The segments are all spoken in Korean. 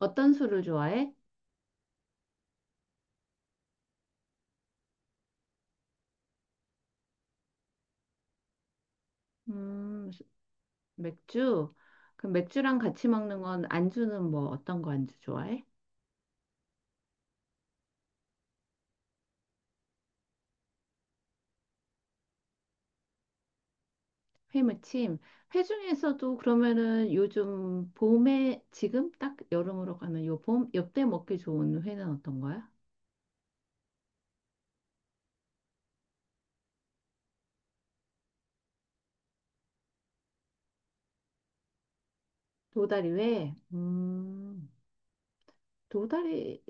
어떤 술을 좋아해? 음, 수- 맥주? 그럼 맥주랑 같이 먹는 건 안주는 뭐 어떤 거 안주 좋아해? 회무침. 회 중에서도 그러면은 요즘 봄에 지금 딱 여름으로 가는 요 봄, 요때 먹기 좋은 회는 어떤 거야? 도다리 회? 도다리,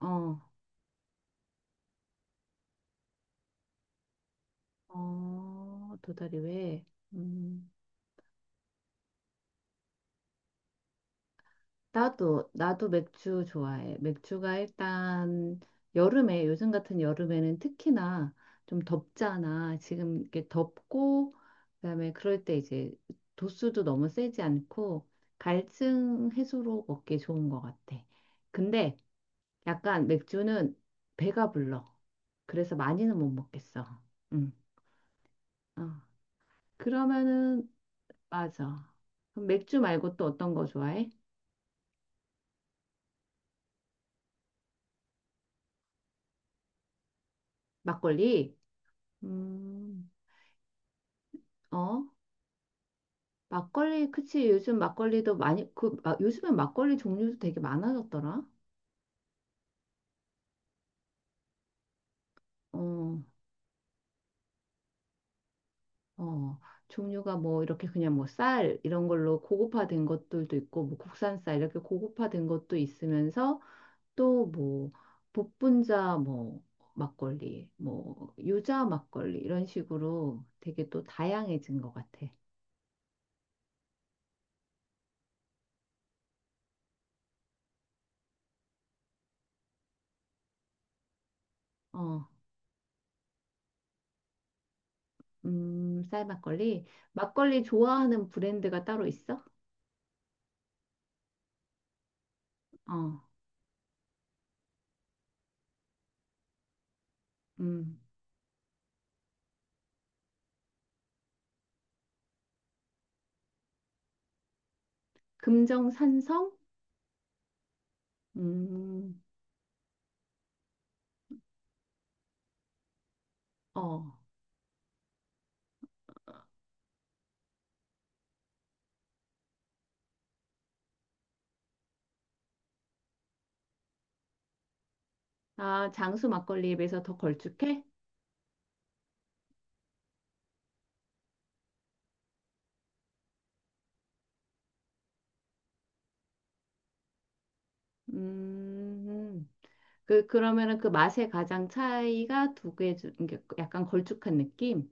어, 어, 도다리 회. 음. 나도, 맥주 좋아해. 맥주가 일단 여름에, 요즘 같은 여름에는 특히나 좀 덥잖아. 지금 이렇게 덥고, 그다음에 그럴 때 이제 도수도 너무 세지 않고, 갈증 해소로 먹기 좋은 것 같아. 근데 약간 맥주는 배가 불러. 그래서 많이는 못 먹겠어. 응. 어. 그러면은, 맞아. 그럼 맥주 말고 또 어떤 거 좋아해? 막걸리? 음, 어? 막걸리, 그치. 요즘 막걸리도 많이, 그, 아, 요즘엔 막걸리 종류도 되게 많아졌더라. 어, 어. 종류가 뭐 이렇게 그냥 뭐 쌀 이런 걸로 고급화된 것들도 있고, 뭐 국산 쌀 이렇게 고급화된 것도 있으면서 또 뭐 복분자 뭐 막걸리, 뭐 유자 막걸리 이런 식으로 되게 또 다양해진 것 같아. 어, 쌀 막걸리. 막걸리 좋아하는 브랜드가 따로 있어? 어, 음. 금정산성? 음, 어. 아, 장수 막걸리에 비해서 더 걸쭉해? 음, 그, 그러면은 그 맛의 가장 차이가 두 개? 이게 약간 걸쭉한 느낌?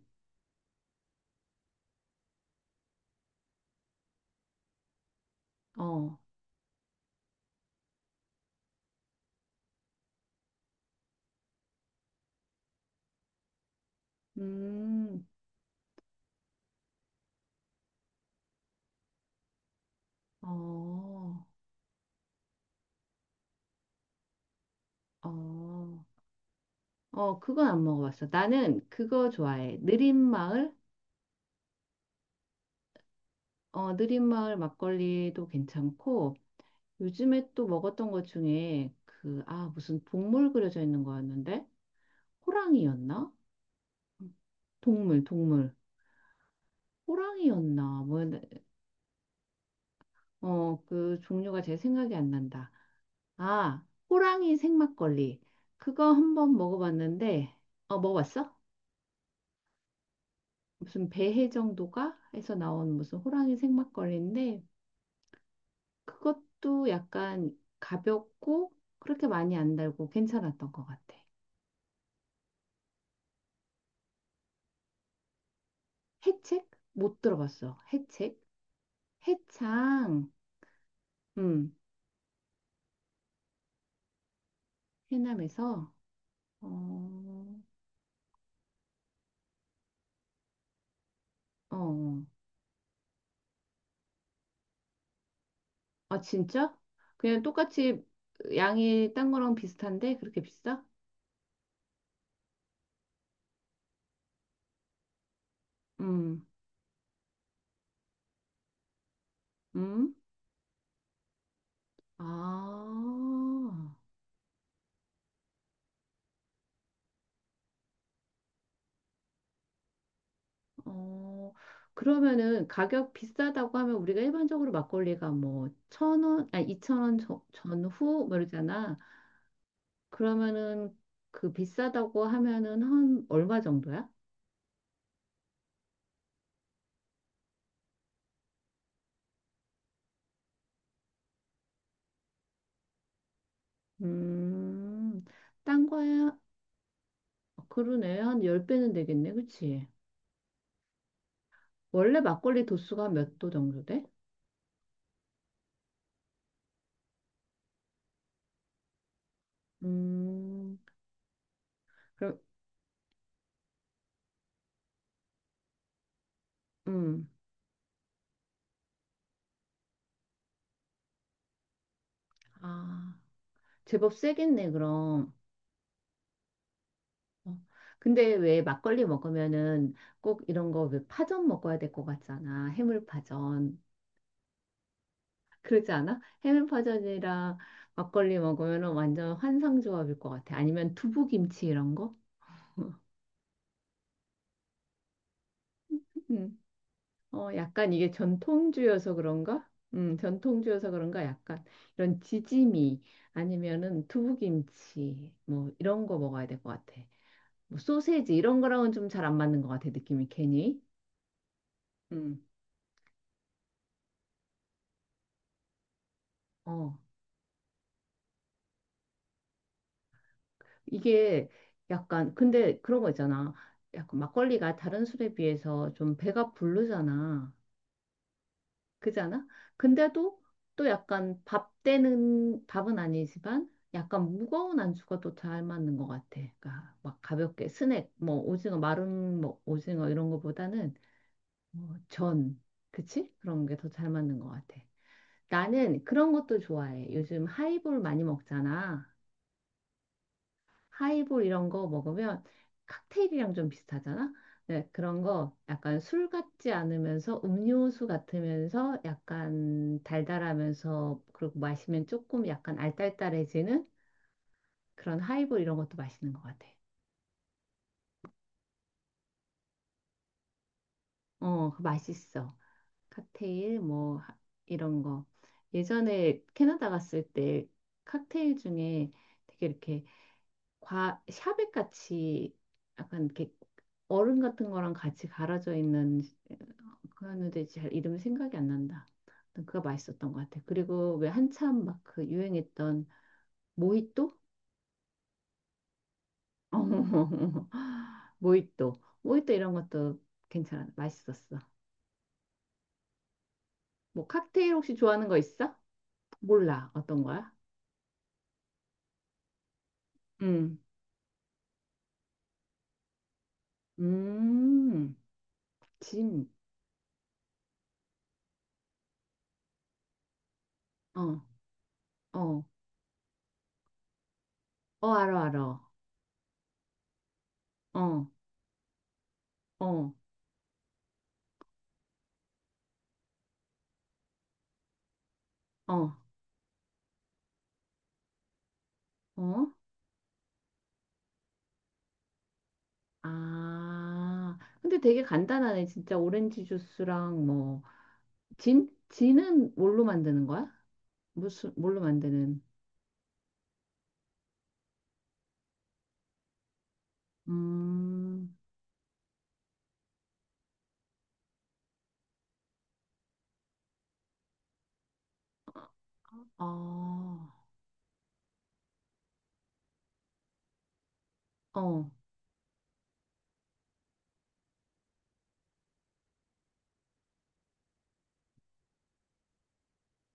어, 음, 어, 어, 어, 그건 안 먹어봤어. 나는 그거 좋아해. 느린마을? 어, 느린마을 막걸리도 괜찮고, 요즘에 또 먹었던 것 중에 그, 아, 무슨 동물 그려져 있는 거였는데? 호랑이였나? 동물, 동물. 호랑이였나? 뭐였나? 어, 그 종류가 제 생각이 안 난다. 아, 호랑이 생막걸리. 그거 한번 먹어봤는데, 어, 먹어봤어? 무슨 배해 정도가 해서 나온 무슨 호랑이 생막걸리인데, 그것도 약간 가볍고, 그렇게 많이 안 달고 괜찮았던 것 같아. 해책? 못 들어봤어. 해책? 해창. 음, 해남에서, 어, 어, 어. 아, 진짜? 그냥 똑같이 양이 딴 거랑 비슷한데? 그렇게 비싸? 음, 음. 아, 어, 그러면은 가격 비싸다고 하면 우리가 일반적으로 막걸리가 뭐 1,000원, 아니 2,000원 저- 전후 뭐 이러잖아. 그러면은 그 비싸다고 하면은 한 얼마 정도야? 음, 딴 거야? 어, 그러네. 한 열배는 되겠네. 그치? 원래 막걸리 도수가 몇 도 정도 돼? 음. 그럼, 음, 아, 제법 세겠네, 그럼. 어. 근데 왜 막걸리 먹으면은 꼭 이런 거 왜 파전 먹어야 될 것 같잖아. 해물파전. 그러지 않아? 해물파전이랑 막걸리 먹으면은 완전 환상조합일 것 같아. 아니면 두부김치 이런 거? 음. 어, 약간 이게 전통주여서 그런가? 전통주여서 그런가? 약간 이런 지짐이 아니면은 두부김치 뭐 이런 거 먹어야 될 것 같아. 뭐 소세지 이런 거랑은 좀 잘 안 맞는 것 같아, 느낌이 괜히. 음. 어, 이게 약간, 근데 그런 거 있잖아. 약간 막걸리가 다른 술에 비해서 좀 배가 부르잖아. 그잖아? 근데도 또 약간 밥 되는, 밥은 아니지만 약간 무거운 안주가 또 잘 맞는 것 같아. 그러니까 막 가볍게 스낵, 뭐 오징어, 마른 뭐 오징어 이런 거보다는 뭐 전, 그치? 그런 게 더 잘 맞는 것 같아. 나는 그런 것도 좋아해. 요즘 하이볼 많이 먹잖아. 하이볼 이런 거 먹으면 칵테일이랑 좀 비슷하잖아. 네, 그런 거 약간 술 같지 않으면서 음료수 같으면서 약간 달달하면서 그리고 마시면 조금 약간 알딸딸해지는 그런 하이볼 이런 것도 맛있는 것 같아. 어, 그거 맛있어. 칵테일 뭐 하- 이런 거. 예전에 캐나다 갔을 때 칵테일 중에 되게 이렇게 과 샤벳 같이 약간 이렇게 얼음 같은 거랑 같이 갈아져 있는 그런데 잘 이름이 생각이 안 난다. 아무튼 그거 맛있었던 것 같아. 그리고 왜 한참 막 그 유행했던 모히또? 어, 모히또, 모히또 이런 것도 괜찮아, 맛있었어. 뭐 칵테일 혹시 좋아하는 거 있어? 몰라, 어떤 거야? 음, 음, 짐, 어, 어, 어, 알어, 알어, 어, 어, 어, 어. 아, 근데 되게 간단하네. 진짜 오렌지 주스랑 뭐, 진? 진은 뭘로 만드는 거야? 무슨, 뭘로 만드는? 음, 아, 어,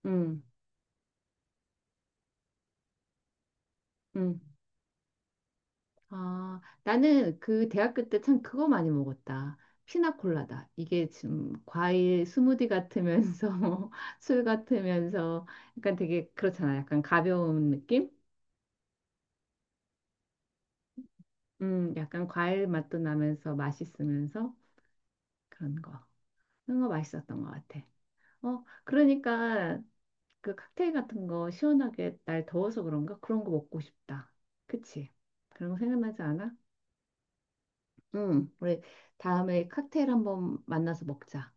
음, 음. 아, 나는 그 대학교 때 참 그거 많이 먹었다. 피나콜라다. 이게 지금 과일 스무디 같으면서 술 같으면서 약간 되게 그렇잖아. 약간 가벼운 느낌? 약간 과일 맛도 나면서 맛있으면서 그런 거. 그런 거 맛있었던 것 같아. 어, 그러니까 그 칵테일 같은 거 시원하게 날 더워서 그런가? 그런 거 먹고 싶다. 그치? 그런 거 생각나지 않아? 응, 우리 다음에 칵테일 한번 만나서 먹자.